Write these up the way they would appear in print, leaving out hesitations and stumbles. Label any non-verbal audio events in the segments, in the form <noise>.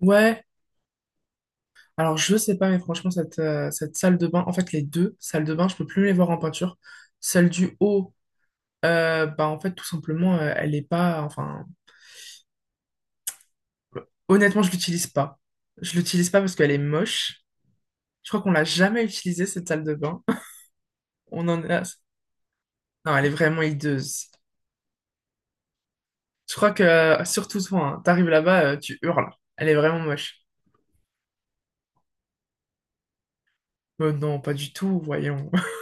Ouais, alors je sais pas, mais franchement, cette, cette salle de bain, en fait, les deux salles de bain, je peux plus les voir en peinture. Celle du haut, en fait, tout simplement, elle est pas, enfin, honnêtement, je l'utilise pas. Je l'utilise pas parce qu'elle est moche. Je crois qu'on l'a jamais utilisée, cette salle de bain. <laughs> On en est là. Non, elle est vraiment hideuse. Je crois que, surtout toi, hein, t'arrives là-bas, tu hurles. Elle est vraiment moche. Non, pas du tout, voyons. <laughs>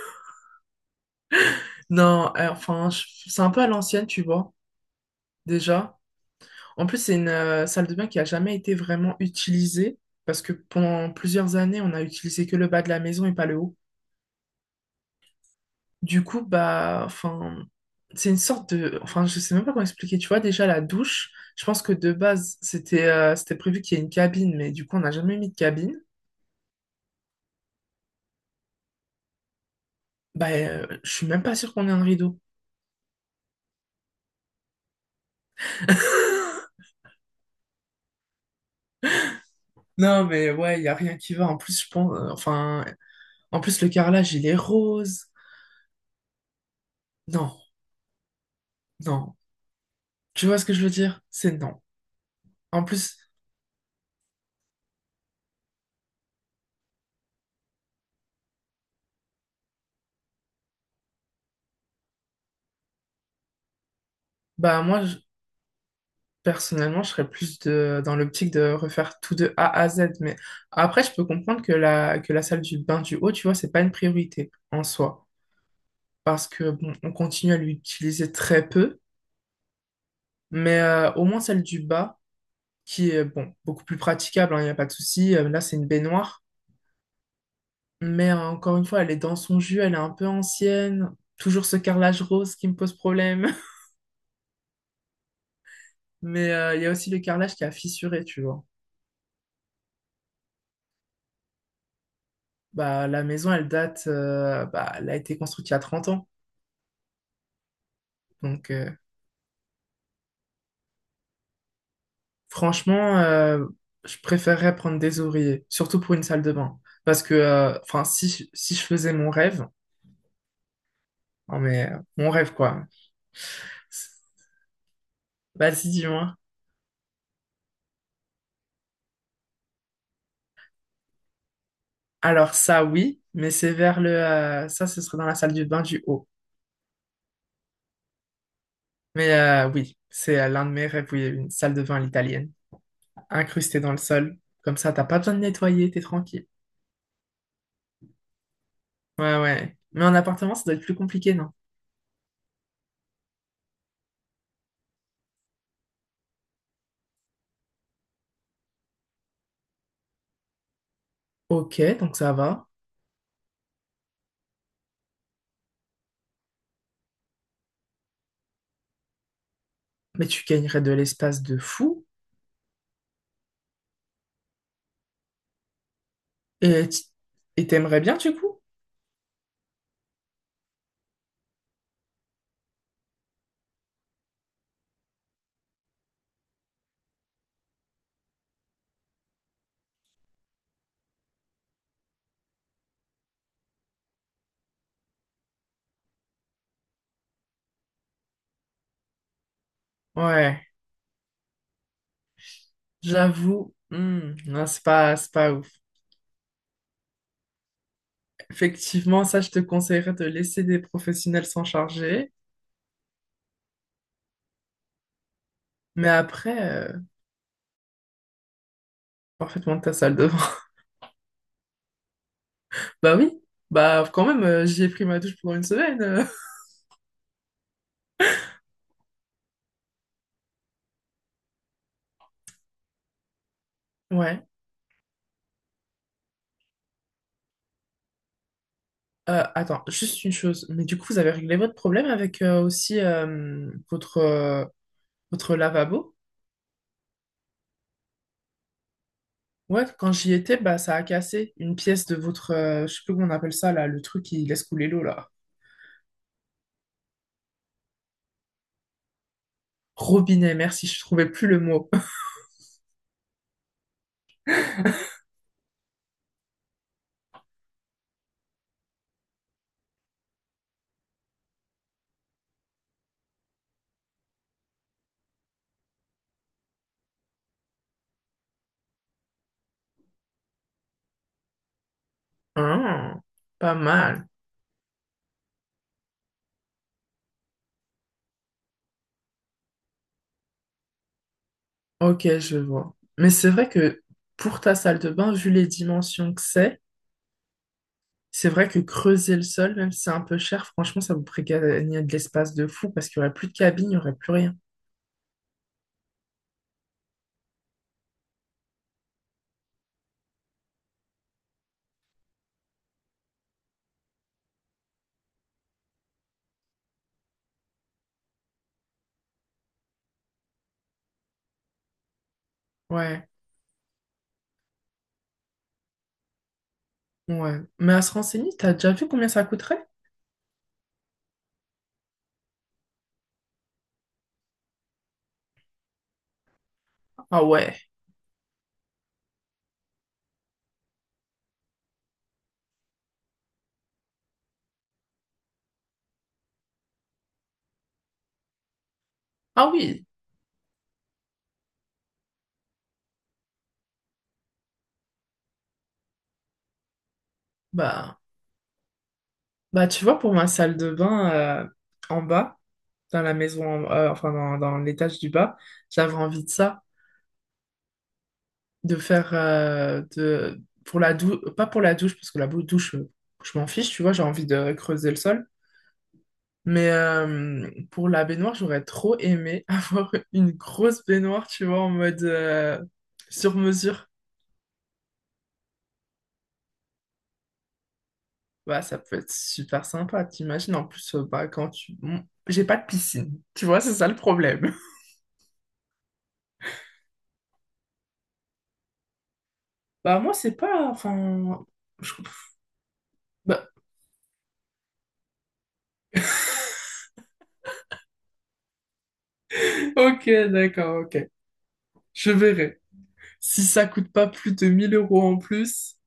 Non, enfin, je- C'est un peu à l'ancienne, tu vois, déjà. En plus, c'est une salle de bain qui a jamais été vraiment utilisée parce que pendant plusieurs années, on a utilisé que le bas de la maison et pas le haut. Du coup, bah, enfin, c'est une sorte de, enfin, je sais même pas comment expliquer. Tu vois, déjà la douche, je pense que de base, c'était prévu qu'il y ait une cabine, mais du coup, on n'a jamais mis de cabine. Je suis même pas sûre qu'on ait un rideau. <laughs> Non, mais ouais, il y a rien qui va. En plus, je pense, en plus, le carrelage, il est rose. Non, non. Tu vois ce que je veux dire? C'est non. En plus, bah, moi, je- Personnellement, je serais plus de, dans l'optique de refaire tout de A à Z. Mais après, je peux comprendre que la salle du bain du haut, tu vois, c'est pas une priorité en soi. Parce que, bon, on continue à l'utiliser très peu. Mais au moins celle du bas, qui est, bon, beaucoup plus praticable, il n'y a pas de souci. Là, c'est une baignoire. Mais encore une fois, elle est dans son jus, elle est un peu ancienne. Toujours ce carrelage rose qui me pose problème. <laughs> Mais il y a aussi le carrelage qui a fissuré, tu vois. Bah, la maison, elle date, bah, elle a été construite il y a 30 ans. Donc, euh, Franchement, je préférerais prendre des ouvriers, surtout pour une salle de bain. Parce que, si, si je faisais mon rêve, non mais mon rêve quoi. Vas-y, dis-moi. Alors ça, oui, mais c'est vers le, ça, ce serait dans la salle du bain du haut. Mais oui, c'est l'un de mes rêves, oui, une salle de bain à l'italienne, incrustée dans le sol. Comme ça, t'as pas besoin de nettoyer, t'es tranquille. Ouais, ouais. Mais en appartement, ça doit être plus compliqué, non? Ok, donc ça va. Mais tu gagnerais de l'espace de fou. Et tu- et t'aimerais bien du coup? Ouais, j'avoue, hmm, non, c'est pas ouf. Effectivement, ça, je te conseillerais de laisser des professionnels s'en charger, mais après, parfaitement ta salle de bain. <laughs> Bah oui, bah quand même, j'y ai pris ma douche pendant une semaine. <laughs> Ouais. Attends, juste une chose, mais du coup, vous avez réglé votre problème avec aussi votre lavabo? Ouais, quand j'y étais, bah ça a cassé une pièce de votre, je sais plus comment on appelle ça là, le truc qui laisse couler l'eau là. Robinet, merci, je trouvais plus le mot. <laughs> Ah, pas mal. Ok, je vois. Mais c'est vrai que pour ta salle de bain, vu les dimensions que c'est vrai que creuser le sol, même si c'est un peu cher, franchement, ça vous ferait gagner de l'espace de fou parce qu'il n'y aurait plus de cabine, il n'y aurait plus rien. Ouais, ouais. Mais à se renseigner, t'as déjà vu combien ça coûterait? Ah ouais. Ah oui. Bah, bah tu vois, pour ma salle de bain en bas, dans la maison, enfin dans l'étage du bas, j'avais envie de ça. De faire de pour la douche pas pour la douche parce que la douche je m'en fiche tu vois j'ai envie de creuser le sol mais pour la baignoire j'aurais trop aimé <laughs> avoir une grosse baignoire tu vois en mode sur mesure bah ça peut être super sympa t'imagines en plus bah quand tu Bon, j'ai pas de piscine tu vois c'est ça le problème <laughs> bah moi c'est pas enfin je- bah, <laughs> ok d'accord ok je verrai si ça coûte pas plus de 1000 euros en plus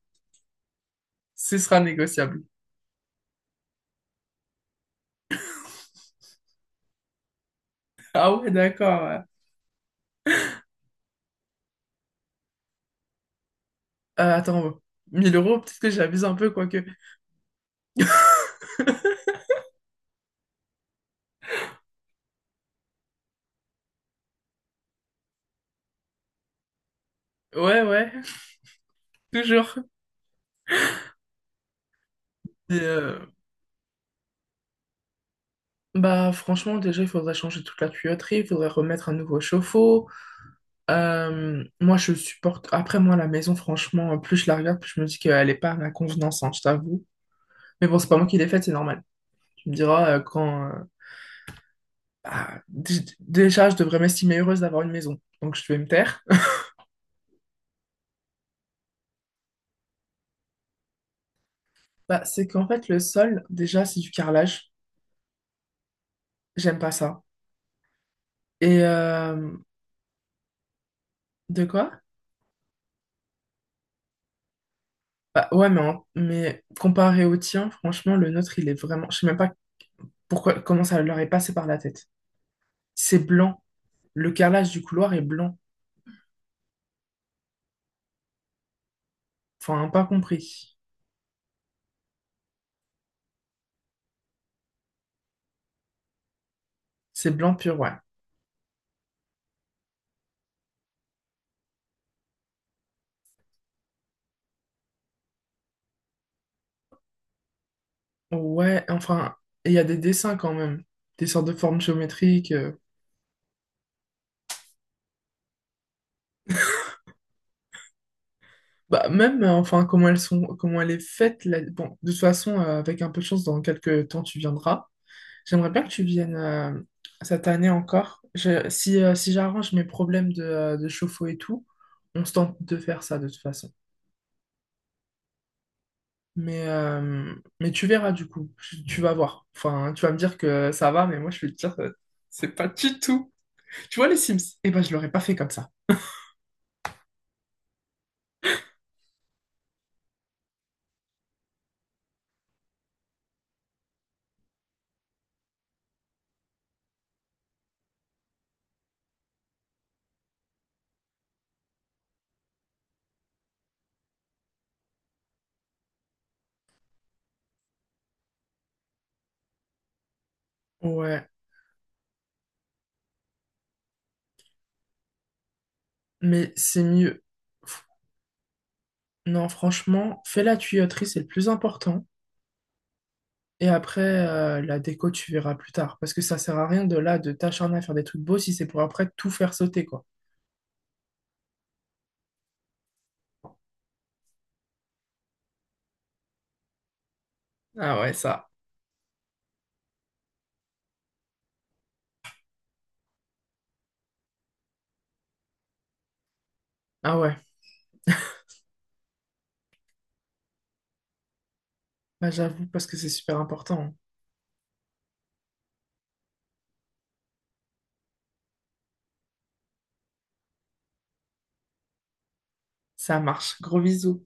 ce sera négociable. Ah ouais, d'accord. Ouais. Attends, 1000 euros, peut-être que j'abuse un peu, quoique. <laughs> Ouais, ouais, toujours. Et, euh, Franchement, déjà, il faudrait changer toute la tuyauterie, il faudrait remettre un nouveau chauffe-eau. Moi, je supporte. Après, moi, la maison, franchement, plus je la regarde, plus je me dis qu'elle est pas à ma convenance, hein, je t'avoue. Mais bon, c'est pas moi qui l'ai faite, c'est normal. Tu me diras quand. Bah, déjà, je devrais m'estimer heureuse d'avoir une maison, donc je vais me taire. <laughs> Bah, c'est qu'en fait, le sol, déjà, c'est du carrelage. J'aime pas ça. Et euh, de quoi? Bah ouais, mais, mais comparé au tien, franchement, le nôtre, il est vraiment. Je sais même pas pourquoi, comment ça leur est passé par la tête. C'est blanc. Le carrelage du couloir est blanc. Enfin, pas compris. C'est blanc pur, ouais. Ouais, enfin, et il y a des dessins quand même. Des sortes de formes géométriques. Bah même, comment elles sont, comment elle est faite. Bon, de toute façon, avec un peu de chance, dans quelques temps, tu viendras. J'aimerais bien que tu viennes cette année encore. Si j'arrange mes problèmes de chauffe-eau et tout, on se tente de faire ça de toute façon. Mais, euh, mais tu verras du coup, tu vas voir. Enfin, tu vas me dire que ça va, mais moi je vais te dire, c'est pas du tout. Tu vois les Sims? Eh ben, je l'aurais pas fait comme ça. Ouais, mais c'est mieux. F- Non, franchement, fais la tuyauterie, c'est le plus important. Et après, la déco, tu verras plus tard. Parce que ça sert à rien de là, de t'acharner à faire des trucs beaux si c'est pour après tout faire sauter, quoi. Ah ouais, ça. Ah ouais, bah j'avoue, parce que c'est super important. Hein. Ça marche. Gros bisous.